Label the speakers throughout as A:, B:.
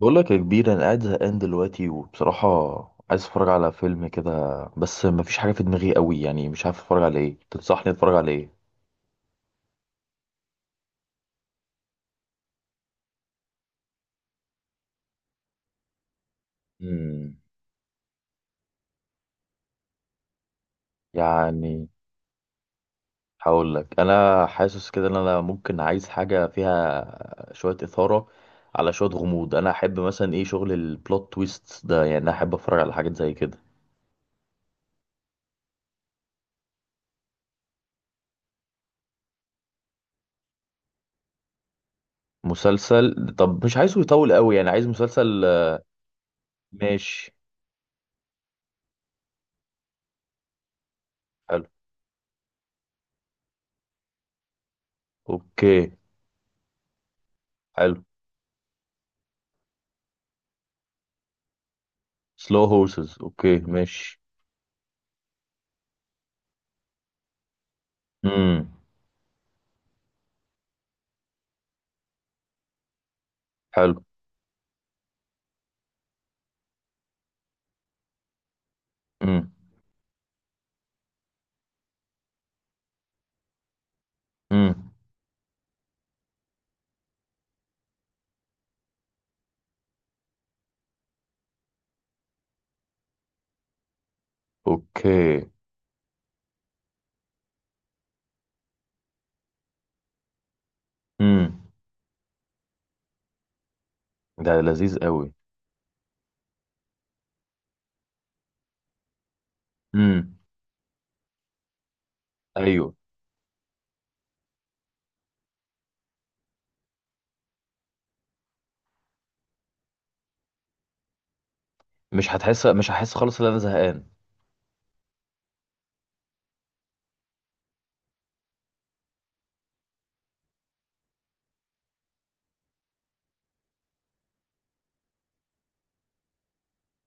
A: بقول لك يا كبير، انا قاعد زهقان دلوقتي وبصراحه عايز اتفرج على فيلم كده. بس مفيش حاجه في دماغي قوي، يعني مش عارف اتفرج على ايه، تنصحني اتفرج على ايه؟ مم. يعني هقول لك، انا حاسس كده ان انا ممكن عايز حاجه فيها شويه اثاره على شويه غموض. انا احب مثلا ايه، شغل البلوت تويست ده، يعني انا احب اتفرج على حاجات زي كده. مسلسل، طب مش عايزه يطول قوي، يعني عايز مسلسل ماشي. حلو. اوكي. حلو. سلو هورسز، اوكي ماشي. امم. حلو. امم. امم. اوكي. امم. ده لذيذ قوي. امم. ايوه. مش هحس خالص ان انا زهقان.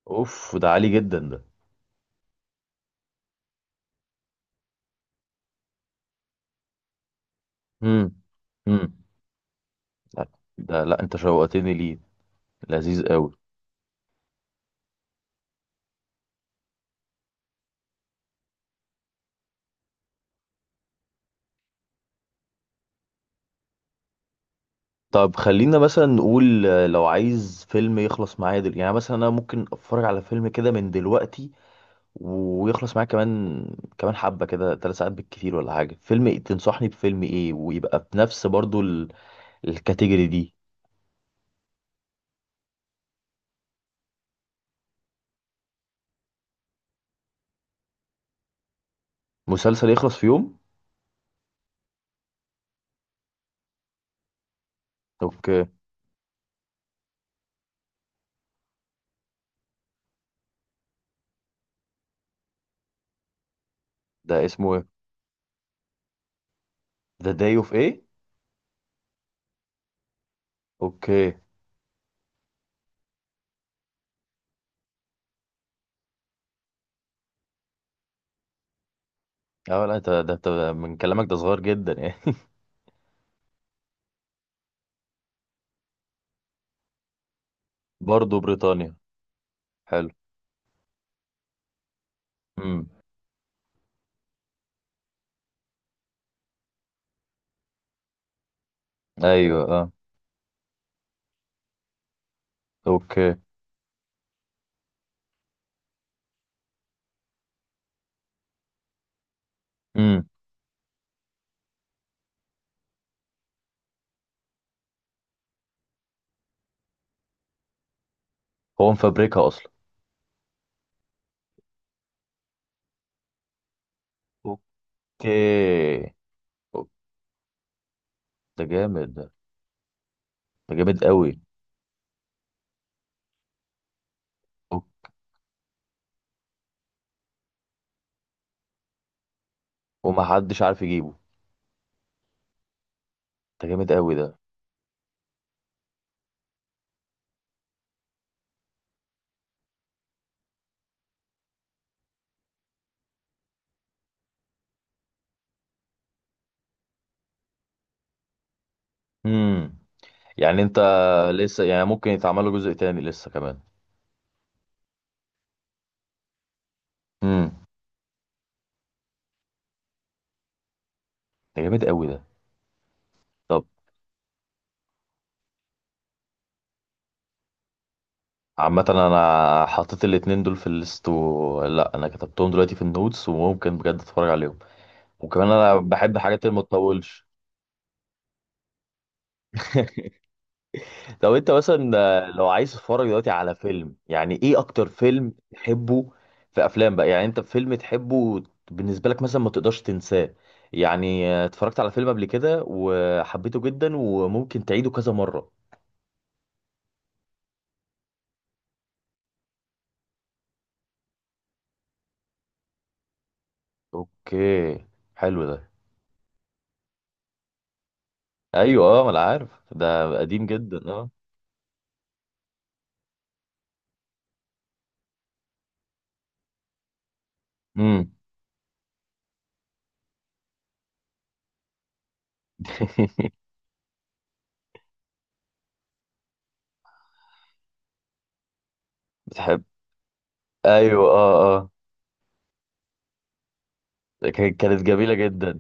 A: اوف، ده عالي جدا ده. امم. امم. لا، ده، لا انت شوقتني ليه. لذيذ قوي. طب خلينا مثلا نقول، لو عايز فيلم يخلص معايا يعني مثلا انا ممكن اتفرج على فيلم كده من دلوقتي ويخلص معايا، كمان كمان حبة كده 3 ساعات بالكتير، ولا حاجة؟ فيلم إيه؟ تنصحني بفيلم ايه ويبقى بنفس برضو الكاتيجوري دي. مسلسل يخلص في يوم. اوكي. ده اسمه ايه؟ ذا داي اوف ايه؟ اوكي. اه، لا ده أنت من كلامك ده صغير جدا يعني. برضه بريطانيا. حلو. امم. ايوه اه. اوكي. امم. هو مفبركها اصلا؟ اوكي. أو- ده جامد ده. ده جامد قوي. أو- ومحدش عارف يجيبه. ده جامد قوي ده. امم. يعني انت لسه يعني ممكن يتعمل له جزء تاني لسه كمان؟ امم. ده جامد قوي ده. طب عامة، انا حطيت الاتنين دول في الليست لا، انا كتبتهم دلوقتي في النوتس وممكن بجد اتفرج عليهم. وكمان انا بحب حاجات اللي ما تطولش. لو انت مثلا لو عايز تتفرج دلوقتي على فيلم، يعني ايه اكتر فيلم تحبه؟ في افلام بقى يعني انت فيلم تحبه بالنسبة لك مثلا ما تقدرش تنساه، يعني اتفرجت على فيلم قبل كده وحبيته جدا وممكن تعيده كذا مرة. اوكي. حلو ده. ايوه اه، ما انا عارف ده قديم جدا. اه. امم. ايوه، اه اه. كانت جميله جدا.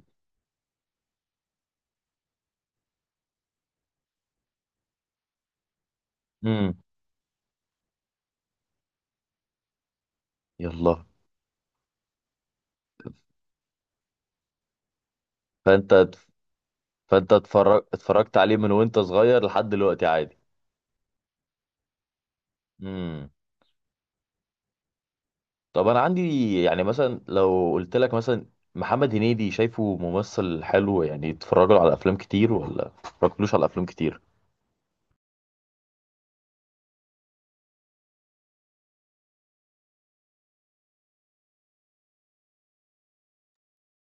A: امم. يلا. فانت اتف- فانت اتفرجت عليه من وانت صغير لحد دلوقتي عادي. امم. طب انا عندي، يعني مثلا لو قلت لك مثلا، محمد هنيدي شايفه ممثل حلو؟ يعني اتفرج له على افلام كتير ولا اتفرجتلوش على افلام كتير؟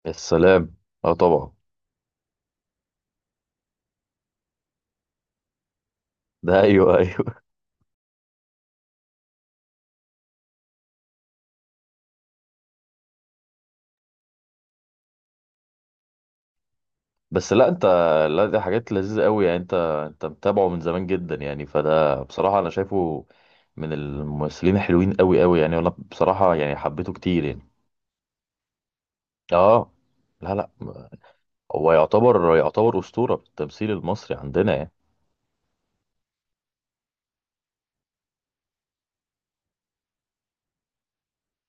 A: السلام. اه طبعا. ده، ايوه ايوه. بس لا انت، لا دي حاجات لذيذة قوي، يعني انت متابعه من زمان جدا يعني، فده بصراحة انا شايفه من الممثلين الحلوين قوي قوي، يعني انا بصراحة يعني حبيته كتير يعني. اه، لا لا، هو يعتبر يعتبر أسطورة في التمثيل المصري عندنا يعني.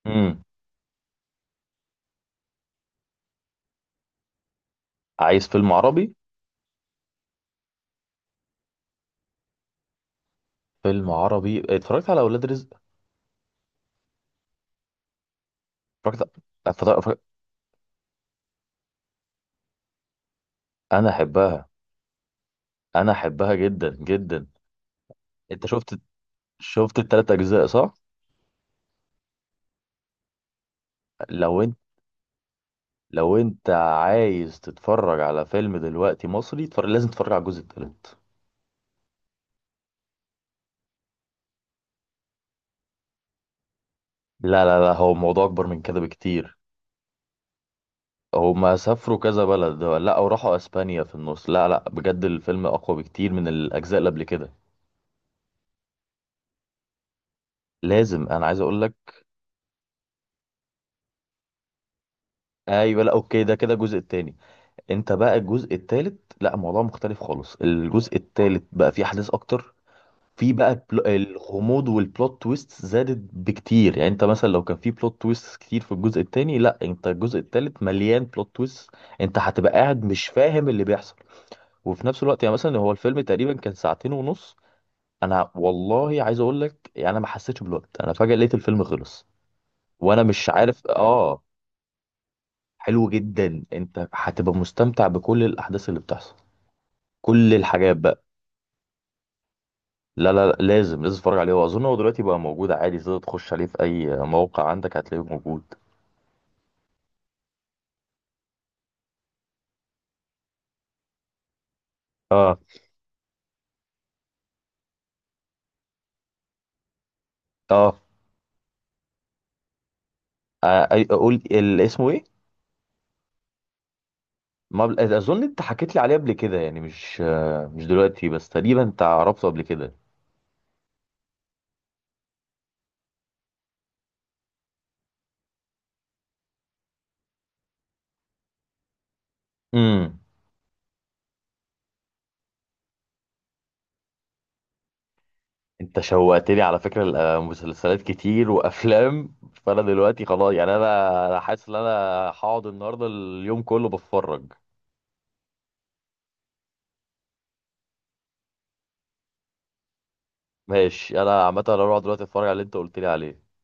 A: امم. عايز فيلم عربي؟ فيلم عربي، اتفرجت على اولاد رزق. اتفرجت اتفرجت- اتفرجت- انا احبها، انا احبها جدا جدا. انت شفت التلات اجزاء صح؟ لو لو انت عايز تتفرج على فيلم دلوقتي مصري تفرج، لازم تتفرج على الجزء التالت. لا لا لا، هو الموضوع اكبر من كده بكتير. هما سافروا كذا بلد، لا، وراحوا اسبانيا في النص. لا لا، بجد الفيلم اقوى بكتير من الاجزاء اللي قبل كده. لازم، انا عايز اقول لك. ايوه لا، اوكي ده كده الجزء التاني. انت بقى الجزء التالت، لا الموضوع مختلف خالص، الجزء التالت بقى فيه احداث اكتر. في بقى الغموض والبلوت تويست زادت بكتير، يعني انت مثلا لو كان في بلوت تويست كتير في الجزء التاني، لا انت الجزء التالت مليان بلوت تويست. انت هتبقى قاعد مش فاهم اللي بيحصل. وفي نفس الوقت يعني مثلا هو الفيلم تقريبا كان ساعتين ونص. انا والله عايز اقول لك، يعني انا ما حسيتش بالوقت، انا فجأة لقيت الفيلم خلص وانا مش عارف. اه. حلو جدا، انت هتبقى مستمتع بكل الاحداث اللي بتحصل، كل الحاجات بقى. لا لا لا، لازم لازم تتفرج عليه. هو اظن هو دلوقتي بقى موجود عادي، تقدر تخش عليه في اي موقع عندك هتلاقيه موجود. اه اه. اسمه ايه؟ ما بل... اظن انت حكيت لي عليه قبل كده، يعني مش مش دلوقتي، بس تقريبا انت عرفته قبل كده. امم. انت شوقتني على فكره مسلسلات كتير وافلام. فانا دلوقتي خلاص، يعني انا حاسس ان انا هقعد النهارده اليوم كله بتفرج. ماشي، انا عامه انا هروح دلوقتي اتفرج على اللي انت قلت لي عليه.